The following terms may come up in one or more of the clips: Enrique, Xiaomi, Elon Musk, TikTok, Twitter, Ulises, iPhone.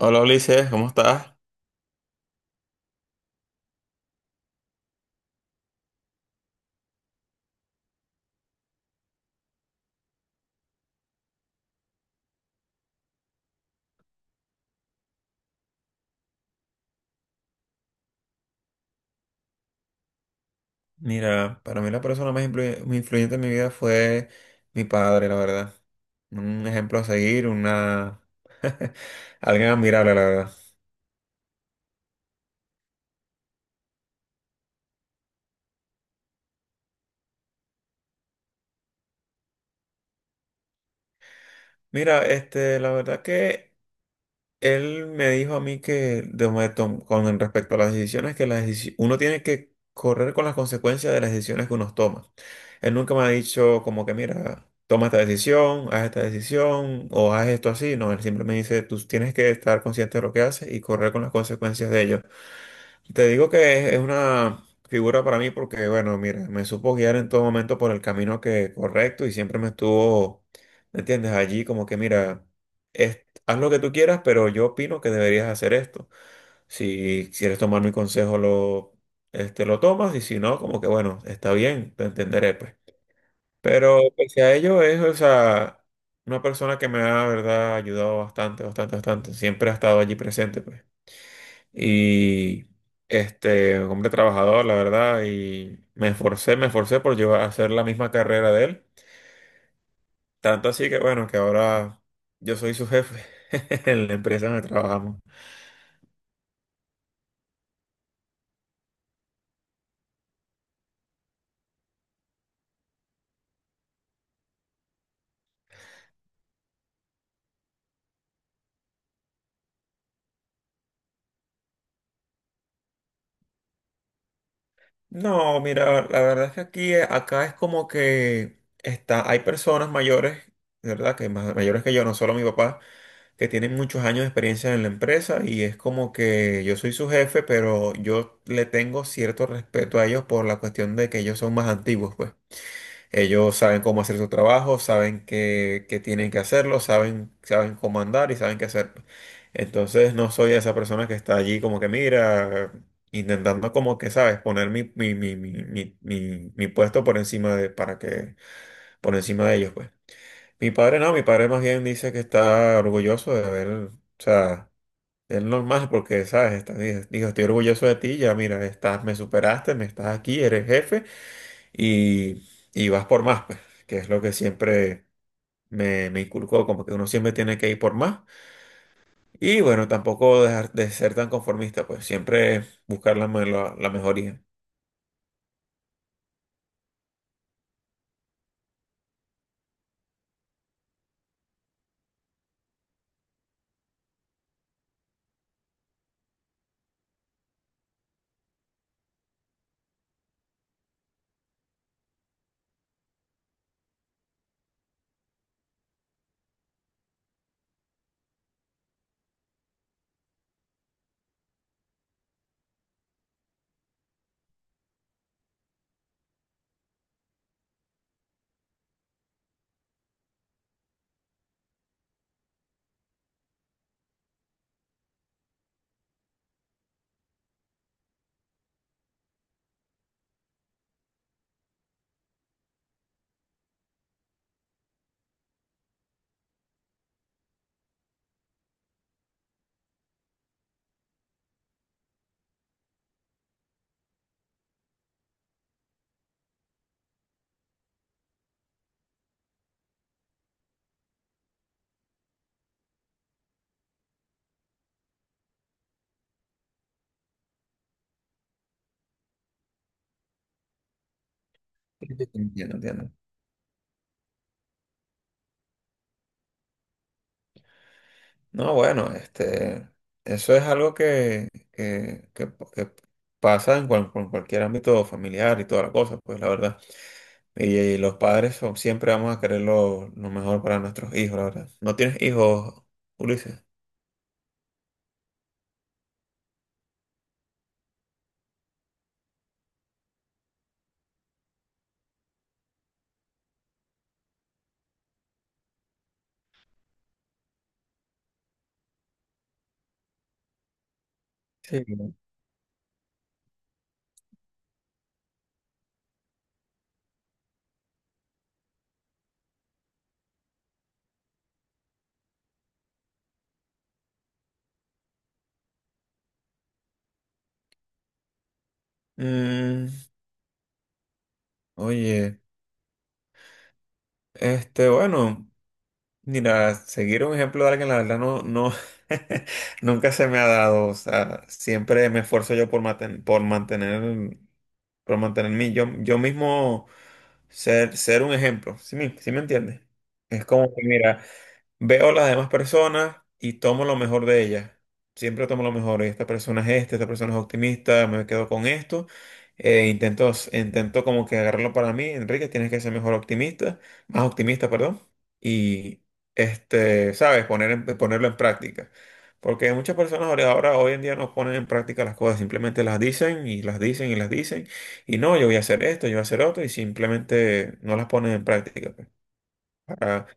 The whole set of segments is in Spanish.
Hola Ulises, ¿cómo estás? Mira, para mí la persona más muy influyente en mi vida fue mi padre, la verdad. Un ejemplo a seguir, una... alguien admirable, la verdad. Mira, la verdad que él me dijo a mí que de momento, con respecto a las decisiones, que uno tiene que correr con las consecuencias de las decisiones que uno toma. Él nunca me ha dicho como que, mira, toma esta decisión, haz esta decisión o haz esto así. No, él siempre me dice, tú tienes que estar consciente de lo que haces y correr con las consecuencias de ello. Te digo que es una figura para mí porque, bueno, mira, me supo guiar en todo momento por el camino que correcto y siempre me estuvo, ¿me entiendes? Allí como que, mira, haz lo que tú quieras, pero yo opino que deberías hacer esto. Si quieres tomar mi consejo, lo tomas y si no, como que, bueno, está bien, te entenderé, pues. Pero pese a ello, es, o sea, una persona que me ha, la verdad, ayudado bastante, bastante, bastante. Siempre ha estado allí presente, pues, y un hombre trabajador, la verdad, y me esforcé por llevar a hacer la misma carrera de él. Tanto así que bueno, que ahora yo soy su jefe en la empresa donde trabajamos. No, mira, la verdad es que aquí, acá es como que está, hay personas mayores, de ¿verdad? Que mayores que yo, no solo mi papá, que tienen muchos años de experiencia en la empresa y es como que yo soy su jefe, pero yo le tengo cierto respeto a ellos por la cuestión de que ellos son más antiguos, pues. Ellos saben cómo hacer su trabajo, saben que, tienen que hacerlo, saben cómo andar y saben qué hacer. Entonces no soy esa persona que está allí como que mira, intentando como que, ¿sabes? Poner mi puesto por encima de, para que, por encima de ellos, pues. Mi padre no, mi padre más bien dice que está orgulloso de haber, o sea, es normal porque, ¿sabes? Está, dijo, estoy orgulloso de ti, ya mira, estás, me superaste, me estás aquí, eres jefe y, y vas por más, pues, que es lo que siempre me inculcó, como que uno siempre tiene que ir por más. Y bueno, tampoco dejar de ser tan conformista, pues siempre buscar la mejoría. Entiendo, entiendo. No, bueno, eso es algo que pasa en, en cualquier ámbito familiar y toda la cosa, pues la verdad. Y los padres son, siempre vamos a querer lo mejor para nuestros hijos, la verdad. ¿No tienes hijos, Ulises? Sí. Mm, Oye, bueno, mira, seguir un ejemplo de alguien, la verdad no, nunca se me ha dado, o sea, siempre me esfuerzo yo por por mantener, por mantenerme yo, yo mismo ser un ejemplo, ¿sí sí me entiendes? Es como que, mira, veo a las demás personas y tomo lo mejor de ellas. Siempre tomo lo mejor. Esta persona es esta, esta persona es optimista, me quedo con esto. Intento como que agarrarlo para mí. Enrique, tienes que ser mejor optimista, más optimista, perdón. Y, sabes, ponerlo en práctica. Porque muchas personas ahora, hoy en día, no ponen en práctica las cosas, simplemente las dicen y las dicen y las dicen. Y no, yo voy a hacer esto, yo voy a hacer otro, y simplemente no las ponen en práctica, pues, para...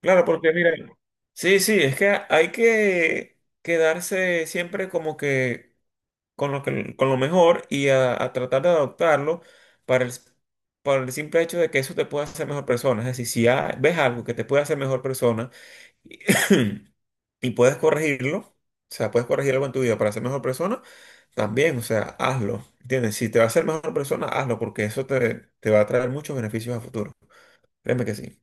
Claro, porque mira, sí, sí, es que hay que quedarse siempre como que con con lo mejor y a tratar de adoptarlo para el, para el simple hecho de que eso te pueda hacer mejor persona. Es decir, si ves algo que te puede hacer mejor persona y, y puedes corregirlo, o sea, puedes corregir algo en tu vida para ser mejor persona, también, o sea, hazlo, ¿entiendes? Si te va a hacer mejor persona, hazlo, porque te va a traer muchos beneficios a futuro. Créeme que sí.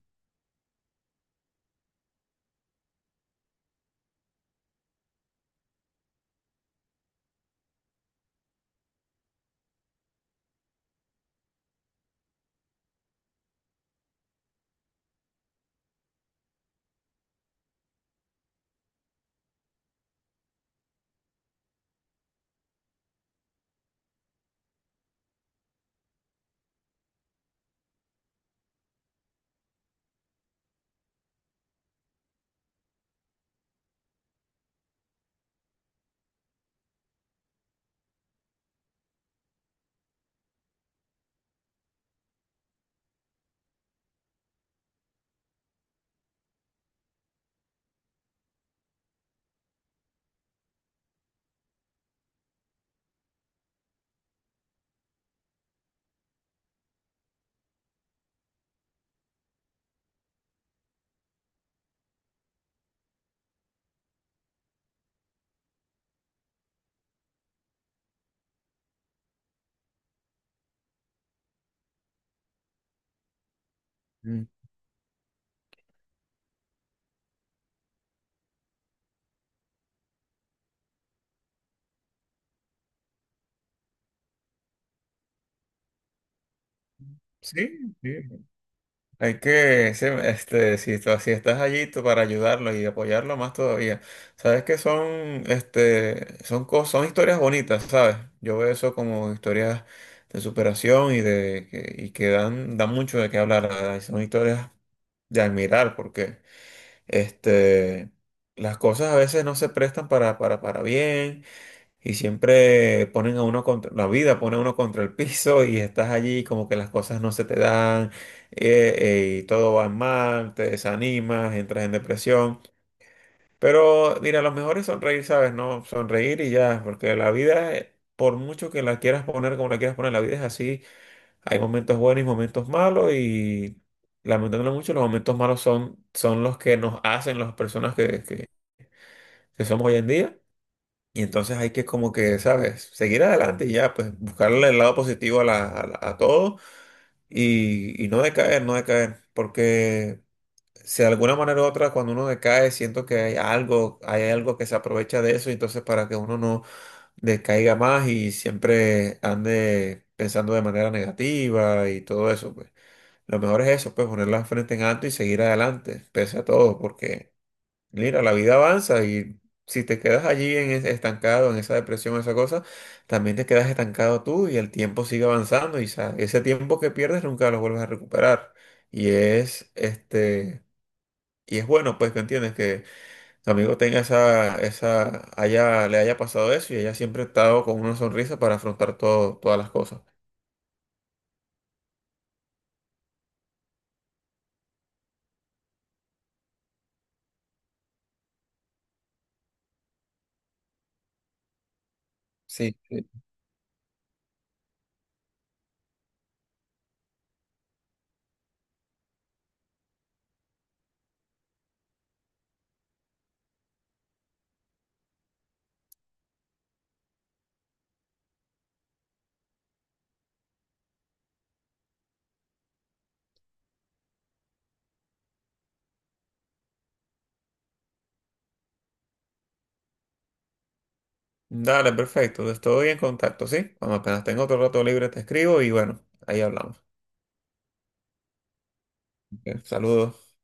Mm. Sí, sí. Hay que, sí, este, si, tú- Si estás allí tú para ayudarlo y apoyarlo más todavía. Sabes que son cosas, son historias bonitas, ¿sabes? Yo veo eso como historias de superación y de y que dan mucho de qué hablar, la ¿verdad? Y son historias de admirar porque, este, las cosas a veces no se prestan para bien. Y siempre ponen a uno contra, la vida pone a uno contra el piso y estás allí como que las cosas no se te dan y todo va mal, te desanimas, entras en depresión. Pero mira, lo mejor es sonreír, ¿sabes? No, sonreír y ya, porque la vida, por mucho que la quieras poner como la quieras poner, la vida es así. Hay momentos buenos y momentos malos y lamentándolo mucho, los momentos malos son los que nos hacen las personas que somos hoy en día. Y entonces hay que como que, ¿sabes? Seguir adelante y ya, pues buscarle el lado positivo a todo y no decaer, no decaer. Porque si de alguna manera u otra cuando uno decae, siento que hay algo que se aprovecha de eso, y entonces para que uno no decaiga más y siempre ande pensando de manera negativa y todo eso, pues lo mejor es eso, pues poner la frente en alto y seguir adelante, pese a todo, porque... Mira, la vida avanza y si te quedas allí en estancado, en esa depresión, esa cosa, también te quedas estancado tú y el tiempo sigue avanzando y ese tiempo que pierdes nunca lo vuelves a recuperar. Y es este y es bueno pues que entiendes que tu amigo tenga esa esa haya le haya pasado eso y haya siempre estado con una sonrisa para afrontar todo todas las cosas. Sí, sí. Dale, perfecto, pues, estoy en contacto, ¿sí? Cuando apenas tengo otro rato libre te escribo y bueno, ahí hablamos. Ok. Saludos.